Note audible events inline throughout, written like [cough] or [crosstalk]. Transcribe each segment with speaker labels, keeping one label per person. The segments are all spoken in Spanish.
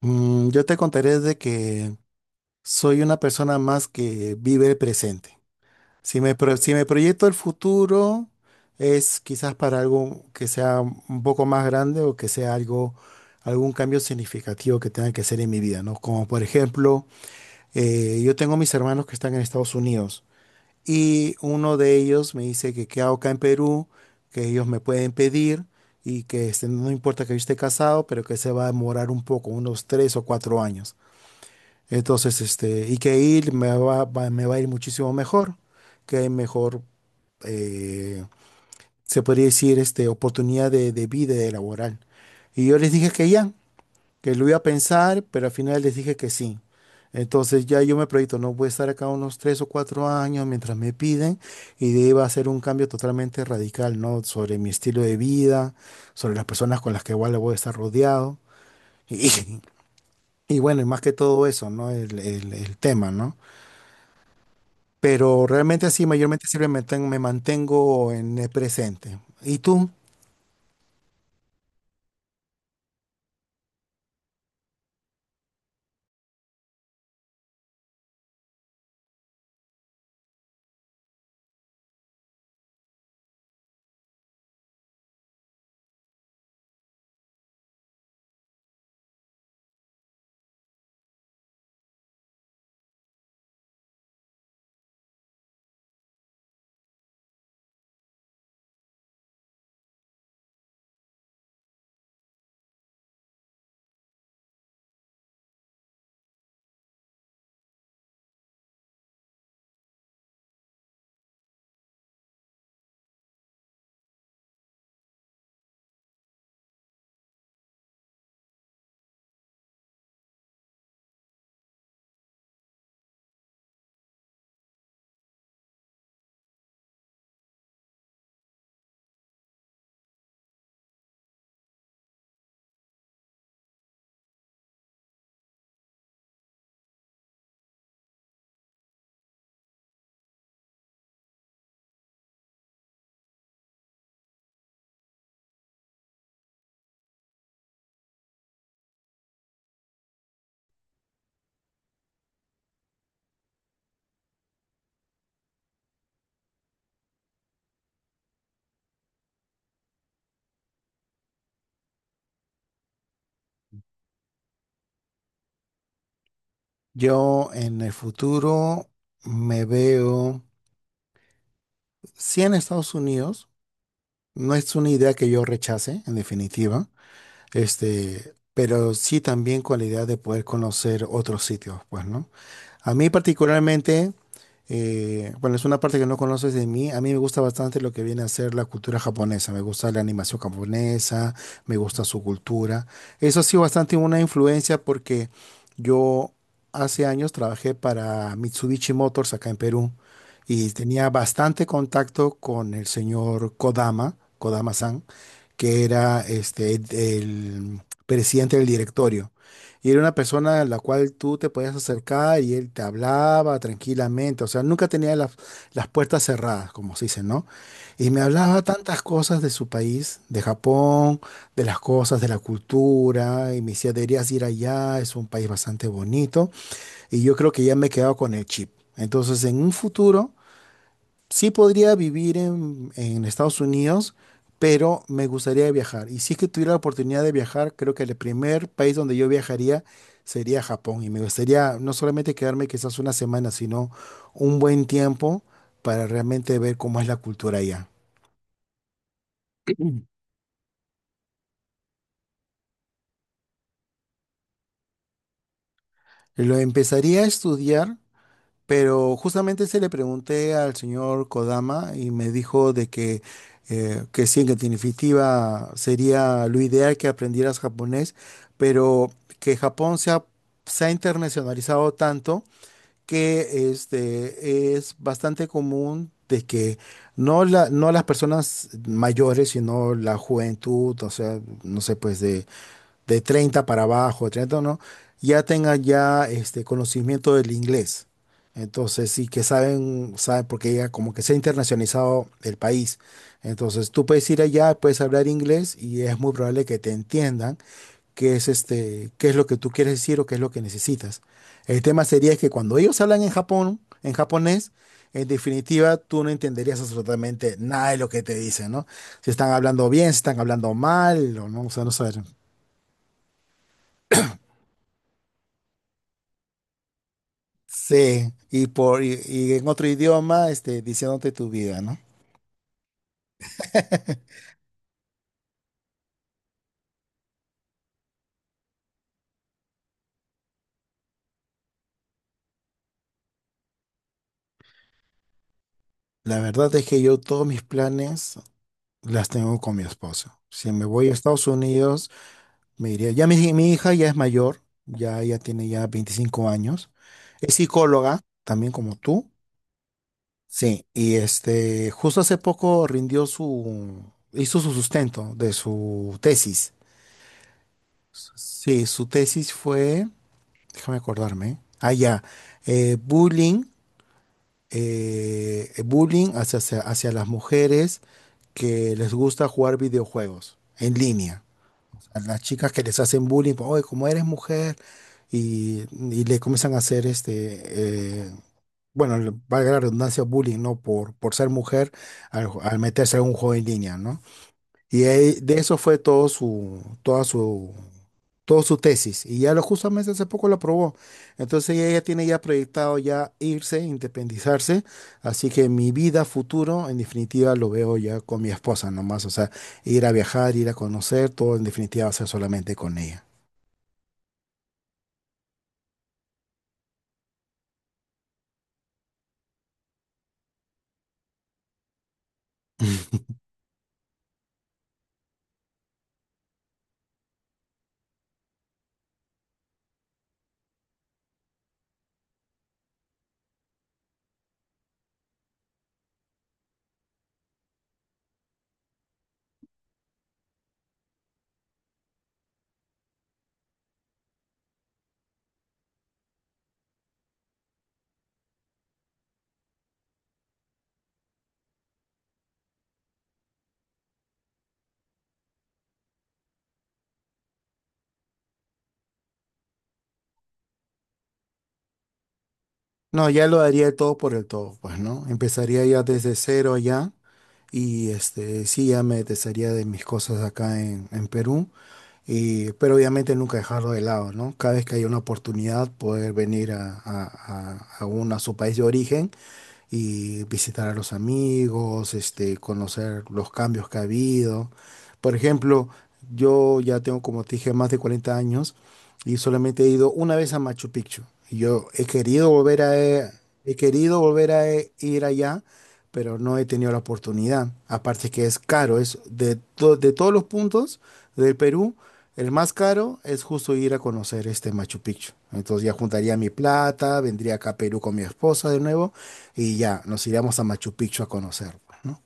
Speaker 1: Yo te contaré de que soy una persona más que vive el presente. Si me proyecto el futuro, es quizás para algo que sea un poco más grande o que sea algo, algún cambio significativo que tenga que hacer en mi vida, ¿no? Como por ejemplo, yo tengo mis hermanos que están en Estados Unidos y uno de ellos me dice que qué hago acá en Perú, que ellos me pueden pedir y que este, no importa que yo esté casado, pero que se va a demorar un poco, unos tres o cuatro años. Entonces, este, y que ir me va a ir muchísimo mejor, que hay mejor, eh, se podría decir, este, oportunidad de vida y de laboral. Y yo les dije que ya, que lo iba a pensar, pero al final les dije que sí. Entonces ya yo me proyecto, no voy a estar acá unos tres o cuatro años mientras me piden y de ahí va a ser un cambio totalmente radical, ¿no? Sobre mi estilo de vida, sobre las personas con las que igual voy a estar rodeado. [laughs] Y, y bueno, y más que todo eso, ¿no? El tema, ¿no? Pero realmente así, mayormente siempre me mantengo en el presente. ¿Y tú? Yo en el futuro me veo, sí, en Estados Unidos. No es una idea que yo rechace, en definitiva. Este, pero sí también con la idea de poder conocer otros sitios, pues, ¿no? A mí particularmente, bueno, es una parte que no conoces de mí, a mí me gusta bastante lo que viene a ser la cultura japonesa, me gusta la animación japonesa, me gusta su cultura. Eso ha sido bastante una influencia porque yo hace años trabajé para Mitsubishi Motors acá en Perú y tenía bastante contacto con el señor Kodama, Kodama-san, que era este, el presidente del directorio. Y era una persona a la cual tú te podías acercar y él te hablaba tranquilamente. O sea, nunca tenía las puertas cerradas, como se dice, ¿no? Y me hablaba tantas cosas de su país, de Japón, de las cosas, de la cultura. Y me decía, deberías ir allá, es un país bastante bonito. Y yo creo que ya me he quedado con el chip. Entonces, en un futuro sí podría vivir en Estados Unidos, pero me gustaría viajar. Y si es que tuviera la oportunidad de viajar, creo que el primer país donde yo viajaría sería Japón. Y me gustaría no solamente quedarme quizás una semana, sino un buen tiempo para realmente ver cómo es la cultura allá. Lo empezaría a estudiar. Pero justamente se le pregunté al señor Kodama y me dijo de que sí, que en definitiva sería lo ideal que aprendieras japonés, pero que se ha internacionalizado tanto que este, es bastante común de que no, no las personas mayores, sino la juventud, o sea, no sé, pues de 30 para abajo, de 30, no, ya tengan ya este conocimiento del inglés. Entonces, sí que saben, saben, porque ya como que se ha internacionalizado el país. Entonces, tú puedes ir allá, puedes hablar inglés y es muy probable que te entiendan qué es este, qué es lo que tú quieres decir o qué es lo que necesitas. El tema sería que cuando ellos hablan en Japón, en japonés, en definitiva, tú no entenderías absolutamente nada de lo que te dicen, ¿no? Si están hablando bien, si están hablando mal, o no, o sea, no saber. Sí, y en otro idioma, este, diciéndote tu vida, ¿no? [laughs] La verdad es que yo todos mis planes las tengo con mi esposo. Si me voy a Estados Unidos, me iría. Ya mi hija ya es mayor, ya, ya tiene ya 25 años. Es psicóloga, también como tú. Sí, y este, justo hace poco hizo su sustento de su tesis. Sí, su tesis fue, déjame acordarme, ah, ya, bullying. Bullying hacia las mujeres que les gusta jugar videojuegos en línea. A las chicas que les hacen bullying, oye, como eres mujer, y, y le comienzan a hacer este, bueno, le- valga la redundancia, bullying, ¿no? Por ser mujer al meterse a un juego en línea, ¿no? Y ahí- de eso fue todo su, toda su, toda su tesis. Y ya lo justamente hace poco lo aprobó. Entonces ella ya tiene ya proyectado ya irse, independizarse. Así que mi vida futuro, en definitiva, lo veo ya con mi esposa nomás. O sea, ir a viajar, ir a conocer, todo en definitiva va a ser solamente con ella. No, ya lo daría el todo por el todo, pues, ¿no? Empezaría ya desde cero ya. Y este, sí, ya me desharía de mis cosas acá en Perú. Y- pero obviamente nunca dejarlo de lado, ¿no? Cada vez que hay una oportunidad, poder venir a uno, a su país de origen y visitar a los amigos, este, conocer los cambios que ha habido. Por ejemplo, yo ya tengo, como te dije, más de 40 años y solamente he ido una vez a Machu Picchu. Y yo he querido he querido volver a ir allá, pero no he tenido la oportunidad. Aparte que es caro, es de, to- de todos los puntos del Perú el más caro es justo ir a conocer este Machu Picchu. Entonces ya juntaría mi plata, vendría acá a Perú con mi esposa de nuevo y ya nos iríamos a Machu Picchu a conocer, pues, ¿no?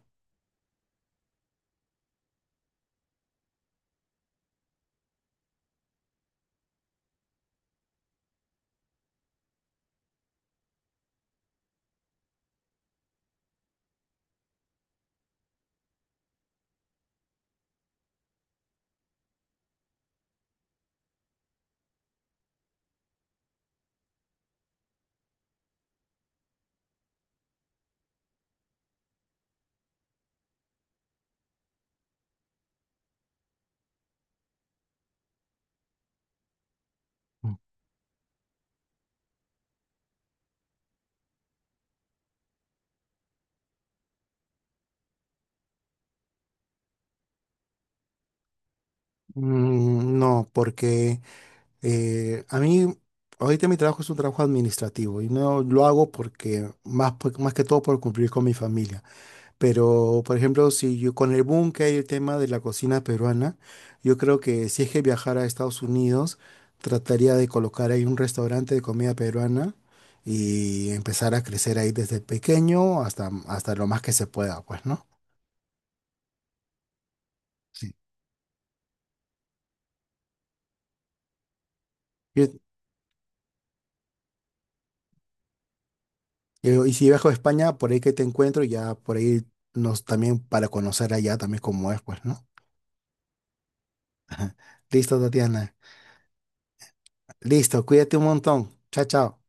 Speaker 1: No, porque a mí ahorita mi trabajo es un trabajo administrativo y no lo hago porque más que todo por cumplir con mi familia. Pero, por ejemplo, si yo con el boom que hay el tema de la cocina peruana, yo creo que si es que viajara a Estados Unidos, trataría de colocar ahí un restaurante de comida peruana y empezar a crecer ahí desde pequeño hasta, hasta lo más que se pueda, pues, ¿no? Sí. Yo- y si viajo a España, por ahí que te encuentro, ya por ahí nos también para conocer allá también cómo es, pues, ¿no? [laughs] Listo, Tatiana. Listo, cuídate un montón. Chao, chao.